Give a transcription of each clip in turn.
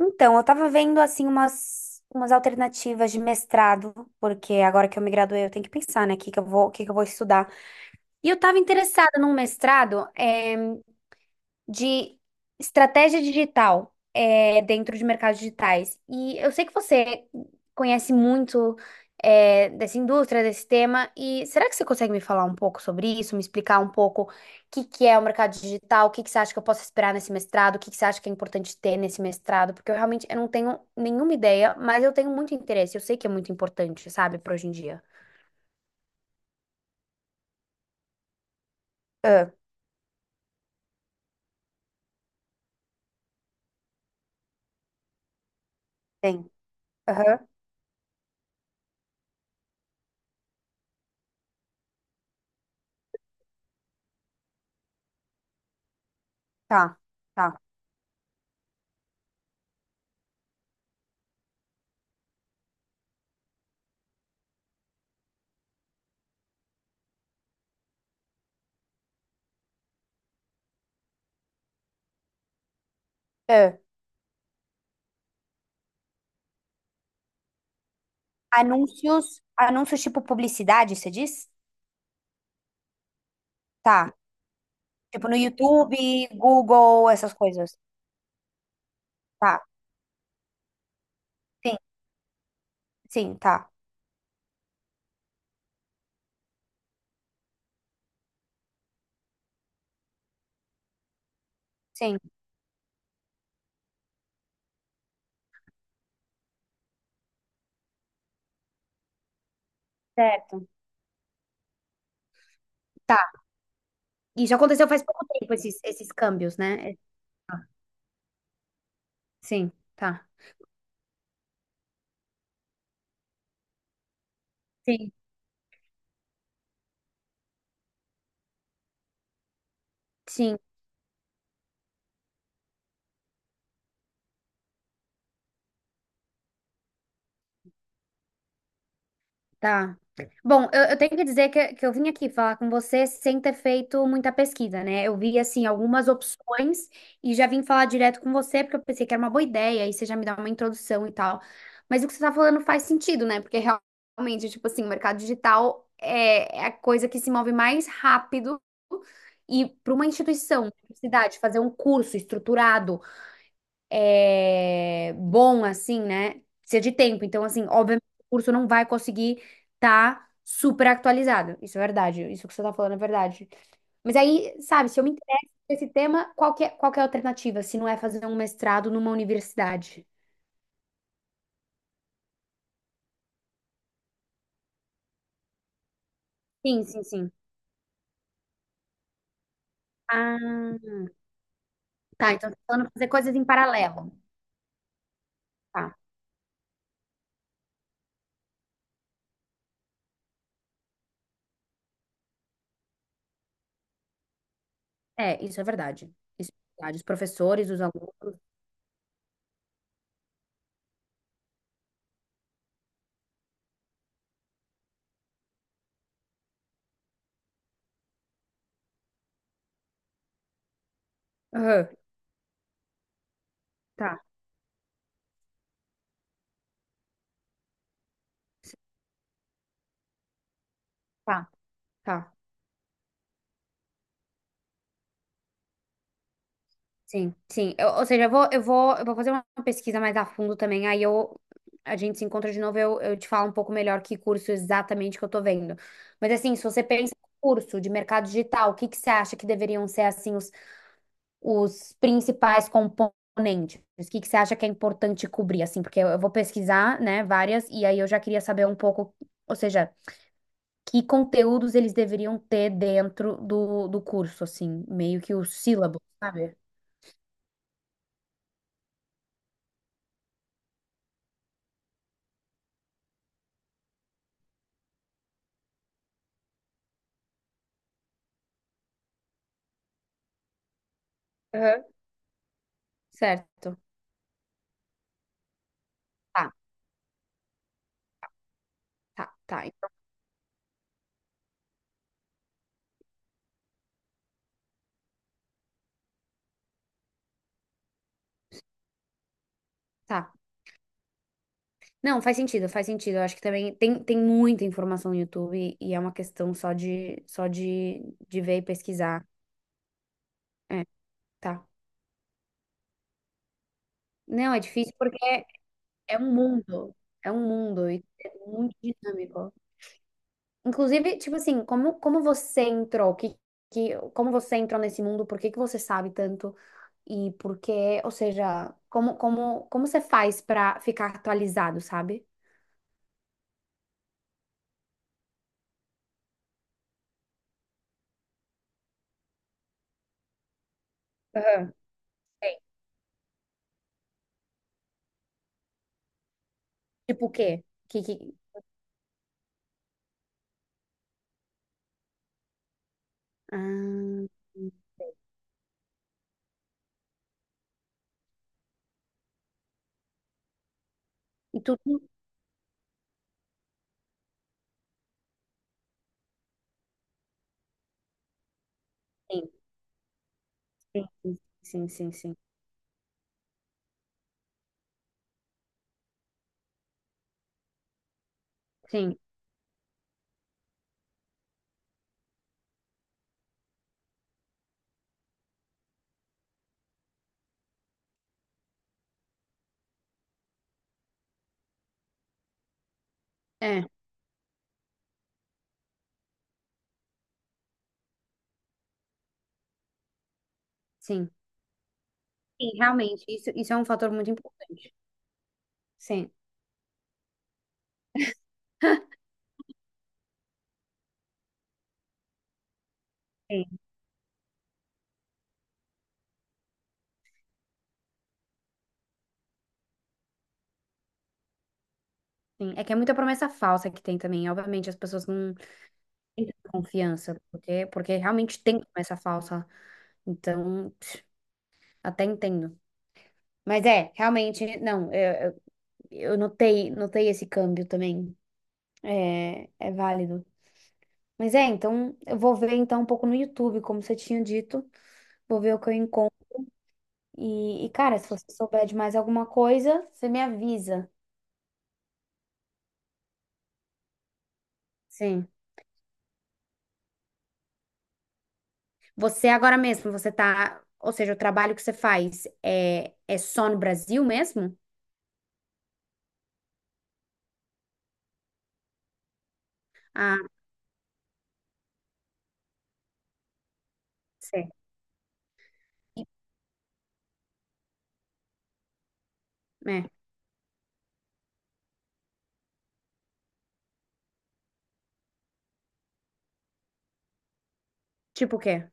Então, eu tava vendo assim umas alternativas de mestrado, porque agora que eu me graduei, eu tenho que pensar, né, o que que eu vou estudar. E eu tava interessada num mestrado, de estratégia digital é, dentro de mercados digitais. E eu sei que você conhece muito é, dessa indústria, desse tema, e será que você consegue me falar um pouco sobre isso, me explicar um pouco o que que é o mercado digital, o que que você acha que eu posso esperar nesse mestrado, o que que você acha que é importante ter nesse mestrado? Porque eu realmente eu não tenho nenhuma ideia, mas eu tenho muito interesse, eu sei que é muito importante, sabe, para hoje em dia. Ah, tem. Aham. Tá, tá. Ah, anúncios, anúncios tipo publicidade, você diz? Tá. Tipo no YouTube, Google, essas coisas. Tá. Sim, sim, tá. Sim. Certo. Tá. Isso aconteceu faz pouco tempo, esses câmbios, né? Ah, Sim, tá. Sim, sim. Tá. Bom, eu tenho que dizer que eu vim aqui falar com você sem ter feito muita pesquisa, né? Eu vi, assim, algumas opções e já vim falar direto com você porque eu pensei que era uma boa ideia e você já me dá uma introdução e tal. Mas o que você tá falando faz sentido, né? Porque realmente, tipo assim, o mercado digital é a coisa que se move mais rápido e para uma instituição, uma universidade, fazer um curso estruturado é, bom, assim, né? Precisa de tempo. Então, assim, obviamente, o curso não vai conseguir estar super atualizado. Isso é verdade. Isso que você tá falando é verdade. Mas aí, sabe, se eu me interesso por esse tema, qual que é a alternativa? Se não é fazer um mestrado numa universidade? Sim, sim, sim. Ah, tá. Então, você tá falando fazer coisas em paralelo. Tá. É, isso é verdade. Isso é verdade. Os professores, os alunos. Aham. Tá, tá, tá. Sim, sim. Ou seja, eu vou fazer uma pesquisa mais a fundo também, a gente se encontra de novo, eu te falo um pouco melhor que curso exatamente que eu tô vendo. Mas assim, se você pensa em curso de mercado digital, o que que você acha que deveriam ser assim os principais componentes? O que que você acha que é importante cobrir, assim? Porque eu vou pesquisar, né, várias, e aí eu já queria saber um pouco, ou seja, que conteúdos eles deveriam ter dentro do curso, assim, meio que o sílabo, sabe? Aham. Certo. Tá. Tá, tá, então, tá. Não, faz sentido, faz sentido. Eu acho que também tem muita informação no YouTube e é uma questão só de ver e pesquisar. É, tá. Não, é difícil porque é um mundo, é um mundo e é muito dinâmico. Inclusive, tipo assim, como você entrou? Que como você entrou nesse mundo? Por que que você sabe tanto? E por que, ou seja, como você faz pra ficar atualizado, sabe? Aham. Sei. Tipo o quê? Que, que, Ah, e tudo. Sim, sim, sim, sim, sim. Sim, é, sim. Sim, realmente, isso é um fator muito importante. Sim, sim, sim. É que é muita promessa falsa que tem também. Obviamente, as pessoas não têm tanta confiança, porque realmente tem promessa falsa. Então, pff, até entendo. Mas é, realmente, não, eu notei, notei esse câmbio também. É, é válido. Mas é, então, eu vou ver então um pouco no YouTube, como você tinha dito. Vou ver o que eu encontro. Cara, se você souber de mais alguma coisa, você me avisa. Sim. Você agora mesmo, você tá. Ou seja, o trabalho que você faz é só no Brasil mesmo? Ah, sei. É. Tipo o quê?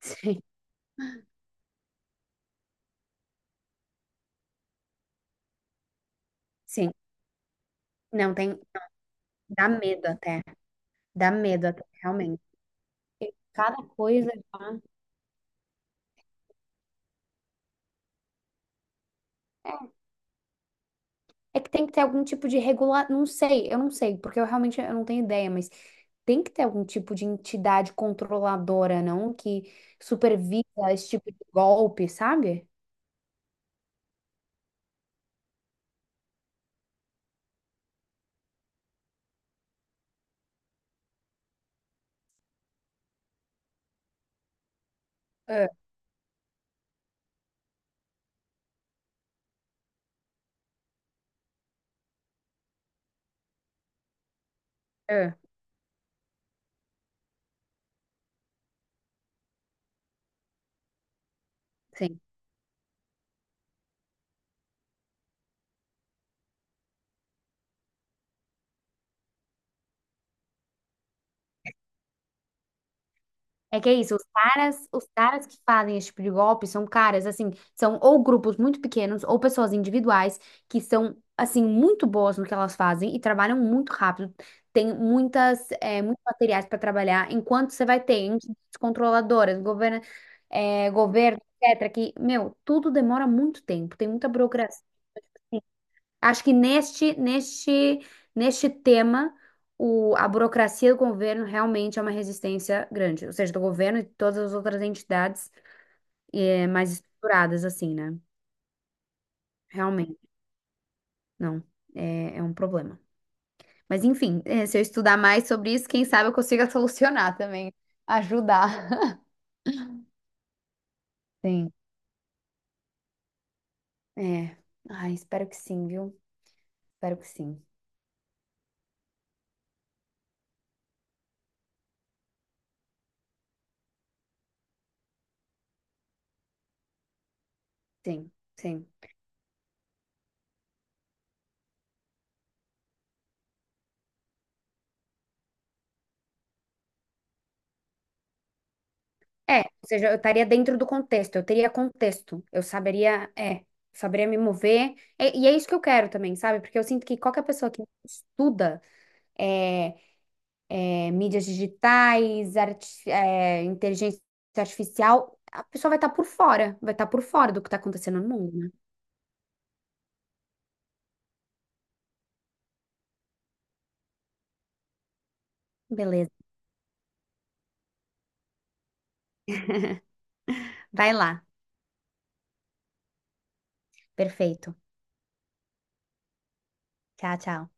Sim. Sim. Não, tem. Dá medo até. Dá medo até, realmente. Cada coisa, tá? É que tem que ter algum tipo de regular, não sei, eu não sei, porque eu realmente eu não tenho ideia, mas tem que ter algum tipo de entidade controladora, não? Que supervisa esse tipo de golpe, sabe? É, é. Sim. É que é isso, os caras que fazem esse tipo de golpe são caras, assim, são ou grupos muito pequenos ou pessoas individuais que são, assim, muito boas no que elas fazem e trabalham muito rápido. Tem muitas, é, muitos materiais para trabalhar, enquanto você vai ter entidades controladoras, governo, etc., que, meu, tudo demora muito tempo, tem muita burocracia. Acho que neste tema, o, a burocracia do governo realmente é uma resistência grande. Ou seja, do governo e de todas as outras entidades mais estruturadas, assim, né? Realmente, não. É, é um problema. Mas, enfim, se eu estudar mais sobre isso, quem sabe eu consiga solucionar também. Ajudar. Sim. É. Ai, espero que sim, viu? Espero que sim. Sim, sim. É, ou seja, eu estaria dentro do contexto, eu teria contexto, eu saberia, é, saberia me mover, e é isso que eu quero também, sabe? Porque eu sinto que qualquer pessoa que estuda é, mídias digitais, inteligência artificial, a pessoa vai estar por fora, vai estar por fora do que está acontecendo no mundo, né? Beleza, vai lá, perfeito. Tchau, tchau.